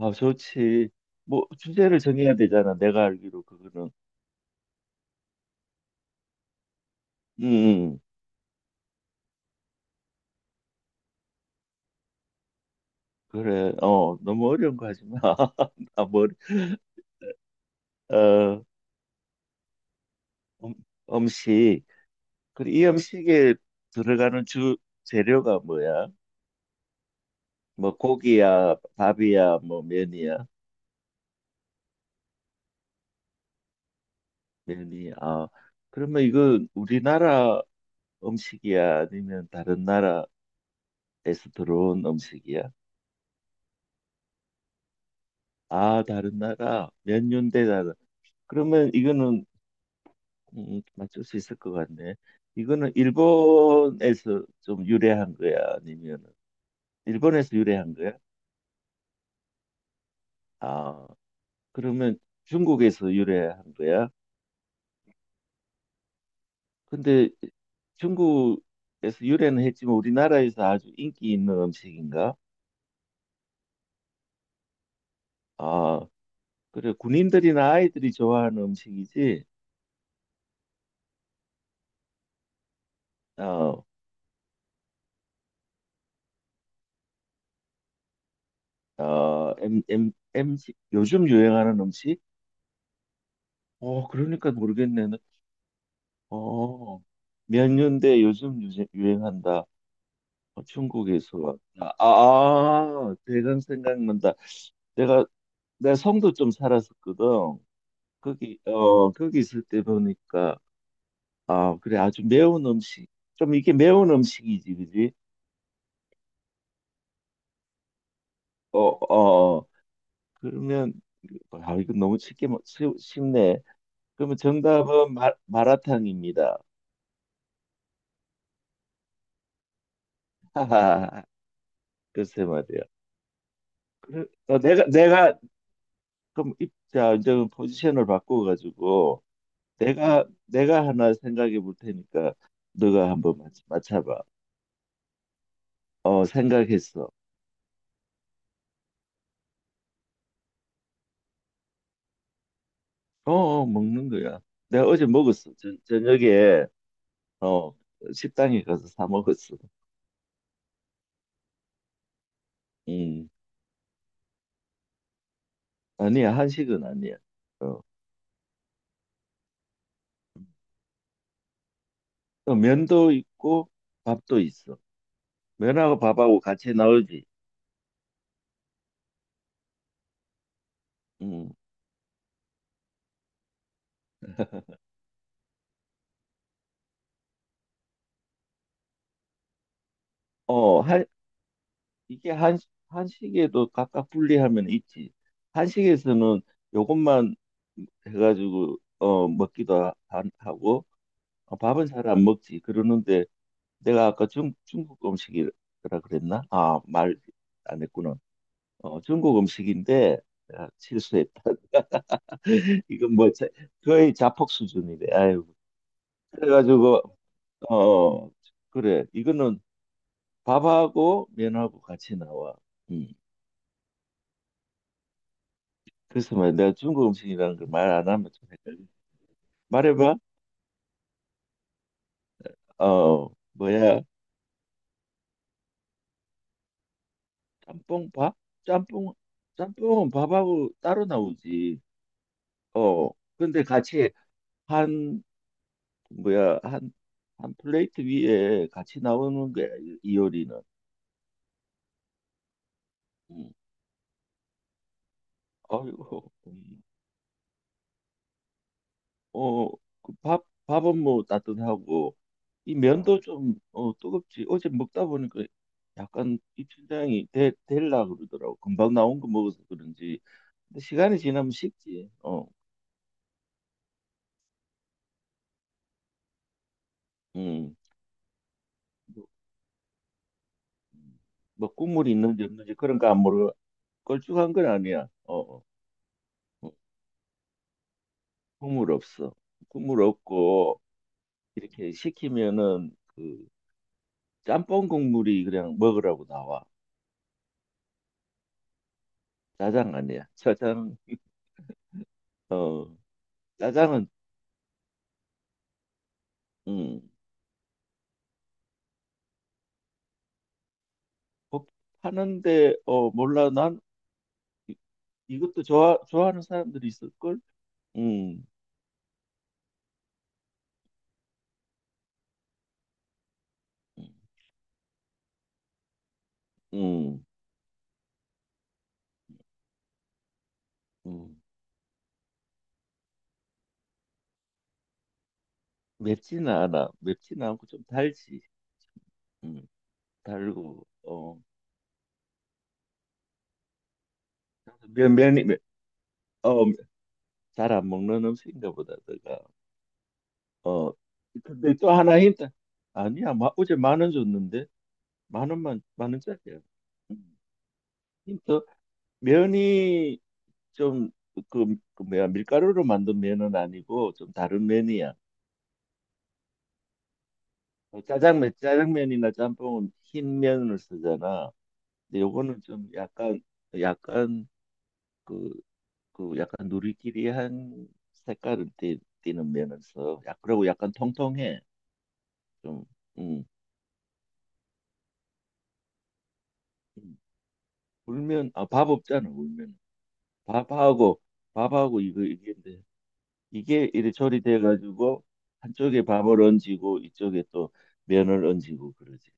아, 좋지. 뭐, 주제를 정해야 되잖아. 내가 알기로 그거는. 음, 음. 그래. 어, 너무 어려운 거 하지 마. 아, 머리, 어, 음, 음식. 그리고 이 음식에 들어가는 주 재료가 뭐야? 뭐, 고기야, 밥이야, 뭐, 면이야, 면이. 아, 그러면 이건 우리나라 음식이야? 아니면 다른 나라에서 들어온 음식이야? 아, 다른 나라. 면년대잖 그러면 이거는 맞출 수 있을 것 같네. 이거는 일본에서 좀 유래한 거야? 아니면 일본에서 유래한 거야? 아, 그러면 중국에서 유래한 거야? 근데 중국에서 유래는 했지만 우리나라에서 아주 인기 있는 음식인가? 아, 그래. 군인들이나 아이들이 좋아하는 음식이지? 어, 어, 엠, 엠, 엠지, 요즘 유행하는 음식? 어, 그러니까 모르겠네. 어, 몇 년대 요즘 유행한다. 중국에서 왔다. 아, 대강 생각난다. 내가 내 성도 좀 살았었거든. 거기 있을 때 보니까 아 그래 아주 매운 음식 좀 이게 매운 음식이지 그지? 어 어. 어. 그러면 아 이거 너무 쉽게 쉽네. 그러면 정답은 마라탕입니다. 하하 글쎄 말이야. 그래, 어, 내가 그럼 입자 이제 포지션을 바꿔가지고 내가 하나 생각해 볼 테니까 너가 한번 맞춰봐. 어, 생각했어. 어, 어, 먹는 거야. 내가 어제 먹었어. 저녁에 어, 식당에 가서 사 먹었어. 음. 아니야, 한식은 아니야. 어. 또 면도 있고 밥도 있어. 면하고 밥하고 같이 나오지. 음. 어, 한 이게 한 한식에도 각각 분리하면 있지. 한식에서는 요것만 해가지고 먹기도 하고 어, 밥은 잘 안 먹지. 그러는데 내가 아까 중국 음식이라 그랬나? 아, 말 안 했구나. 어, 중국 음식인데 내가 실수했다. 이건 뭐 자- 거의 자폭 수준이네. 아유. 그래가지고 어 어, 그래 이거는 밥하고 면하고 같이 나와. 음. 그래서 말 내가 중국 음식이라는 걸 말 안 하면 좀 헷갈려. 말해봐. 어 뭐야? 짬뽕 밥? 짬뽕 짬뽕은 밥하고 따로 나오지. 어 근데 같이 해. 한 뭐야 한 한 플레이트 위에 같이 나오는 거야 이 요리는. 음. 아이고, 어, 그 밥은 뭐 따뜻하고, 이 어. 면도 좀, 뜨겁지. 어제 먹다 보니까 약간 입천장이 될라 그러더라고. 금방 나온 거 먹어서 그런지. 근데 시간이 지나면 식지. 어, 음. 뭐, 음, 뭐 국물이 있는지 없는지 그런 거 안 모르고, 걸쭉한 건 아니야. 어, 어, 국물 없어. 국물 없고, 이렇게 시키면은 그 짬뽕 국물이 그냥 먹으라고 나와. 짜장 아니야. 짜장 어 짜장은 음 복- 하는데 어 몰라 난 이- 이것도 좋아하는 사람들이 있을걸. 음, 음, 음. 음. 맵지는 않아. 맵지는 않고 좀 달지. 음, 달고 어 면이 어, 잘 안 먹는 음식인가 보다 내가 어 근데 또 하나 힌트 아니야 어제 10,000원 줬는데 만 원만 만 원짜리야. 음. 힌트 면이 좀 뭐야 밀가루로 만든 면은 아니고 좀 다른 면이야. 어, 짜장면이나 짬뽕은 흰 면을 쓰잖아. 근데 요거는 좀 약간 약간 그 그 약간 누리끼리한 색깔을 는 면을 써. 야, 그리고 약간 통통해. 좀 음. 음. 울면 아 밥 없잖아 울면 밥하고 밥하고 이거 이게 이게 이리저리 돼가지고 한쪽에 밥을 얹히고 이쪽에 또 면을 얹히고 그러지.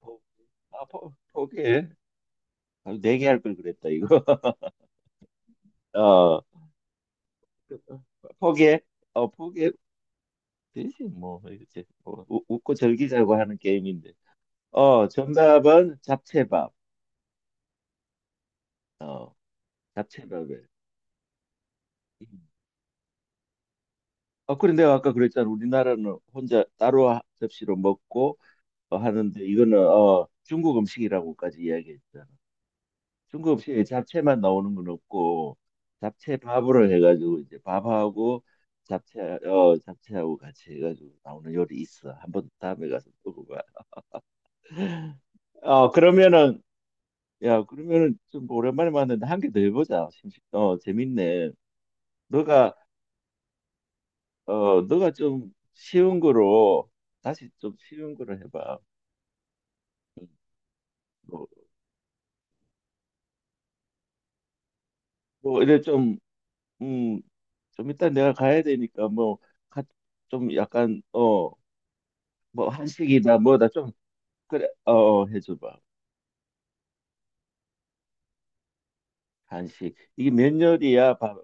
포- 아, 포기해. 네 개 할 걸 그랬다 이거. 어, 포기해. 어, 포기해. 되지 뭐 이렇게 뭐, 웃고 즐기자고 하는 게임인데. 어, 정답은 잡채밥. 어, 잡채밥에. 음. 어, 그래 내가 아까 그랬잖아. 우리나라는 혼자 따로 접시로 먹고 어, 하는데 이거는 중국 음식이라고까지 이야기했잖아. 중국식에 잡채만 나오는 건 없고 잡채 밥으로 해가지고 이제 밥하고 잡채 잡채하고 같이 해가지고 나오는 요리 있어. 한번 다음에 가서 먹어봐. 어 그러면은 야 그러면은 좀 오랜만에 만났는데 한 개 더 해보자. 재밌네. 너가 너가 좀 쉬운 거로 다시 좀 쉬운 거로 해봐. 뭐, 뭐 이래 좀 음 좀 일단 내가 가야 되니까 뭐 가, 좀 약간 어 뭐 한식이다 뭐다 그래, 어, 어, 해줘봐. 간식. 이게 면 요리야?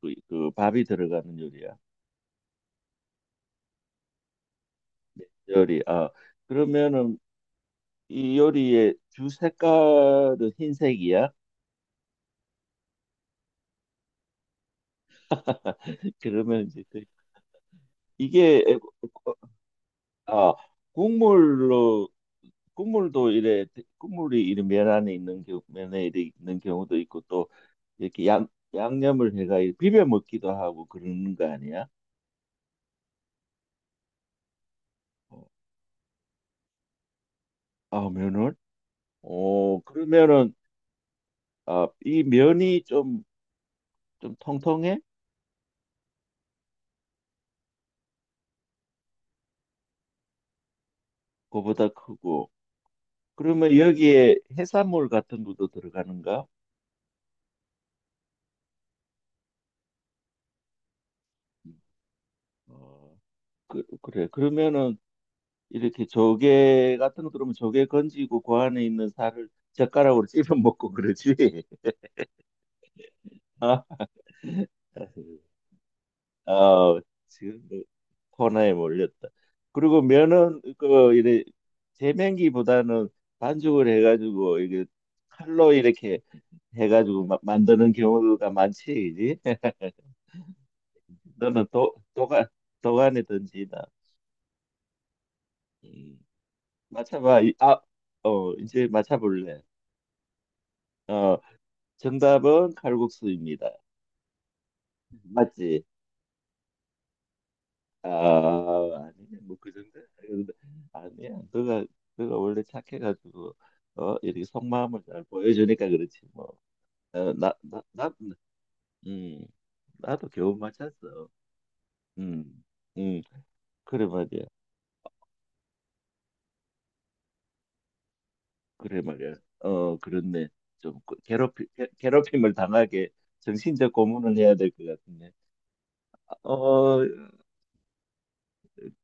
그 밥이 들어가는 요리야. 요리. 아, 그러면은 이 요리의 주 색깔은 흰색이야? 그러면 이제 이게 아, 국물로 국물도 이래 국물이 이런 면 안에 있는 경우 면에 이래 있는 경우도 있고 또 이렇게 양 양념을 해가 이렇게 비벼 먹기도 하고 그러는 거 아니야? 어, 아, 면을? 어, 그러면은 아, 이 면이 좀 통통해? 그보다 크고. 그러면 여기에 해산물 같은 것도 들어가는가? 음, 어, 그래. 그러면은 이렇게 조개 같은 거 들으면 조개 건지고 그 안에 있는 살을 젓가락으로 씹어 먹고 그러지. 아, 어, 지금 뭐 코너에 몰렸다. 그리고 면은 그 이래 재면기보다는 반죽을 해가지고 이게 칼로 이렇게 해가지고 만드는 경우가 많지, 이제. 너는 도가니 던지다. 음, 맞춰봐. 아, 어, 이제 맞춰볼래. 어, 정답은 칼국수입니다. 맞지? 아, 아니네. 뭐그 정도? 아니야. 너가 원래 착해가지고, 어, 이렇게 속마음을 잘 보여주니까 그렇지, 뭐. 어, 음, 나도 겨우 맞췄어. 음, 음, 그래 말이야. 그래 말이야. 어, 그렇네. 좀 괴롭힘을 당하게 정신적 고문을 해야 될 것 같은데. 어,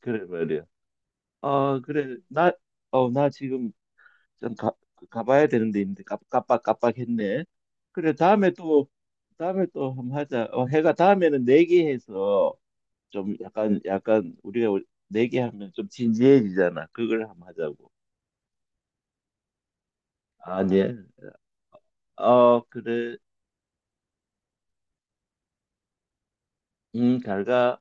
그래 말이야. 어, 그래. 나 지금 좀 가봐야 되는데 있는데 깜빡깜빡했네. 그래, 다음에 또 한번 하자. 어, 해가 다음에는 내기해서 좀 약간 우리가 내기하면 좀 진지해지잖아. 그걸 한번 하자고. 아니, 어, 그래. 잘 가.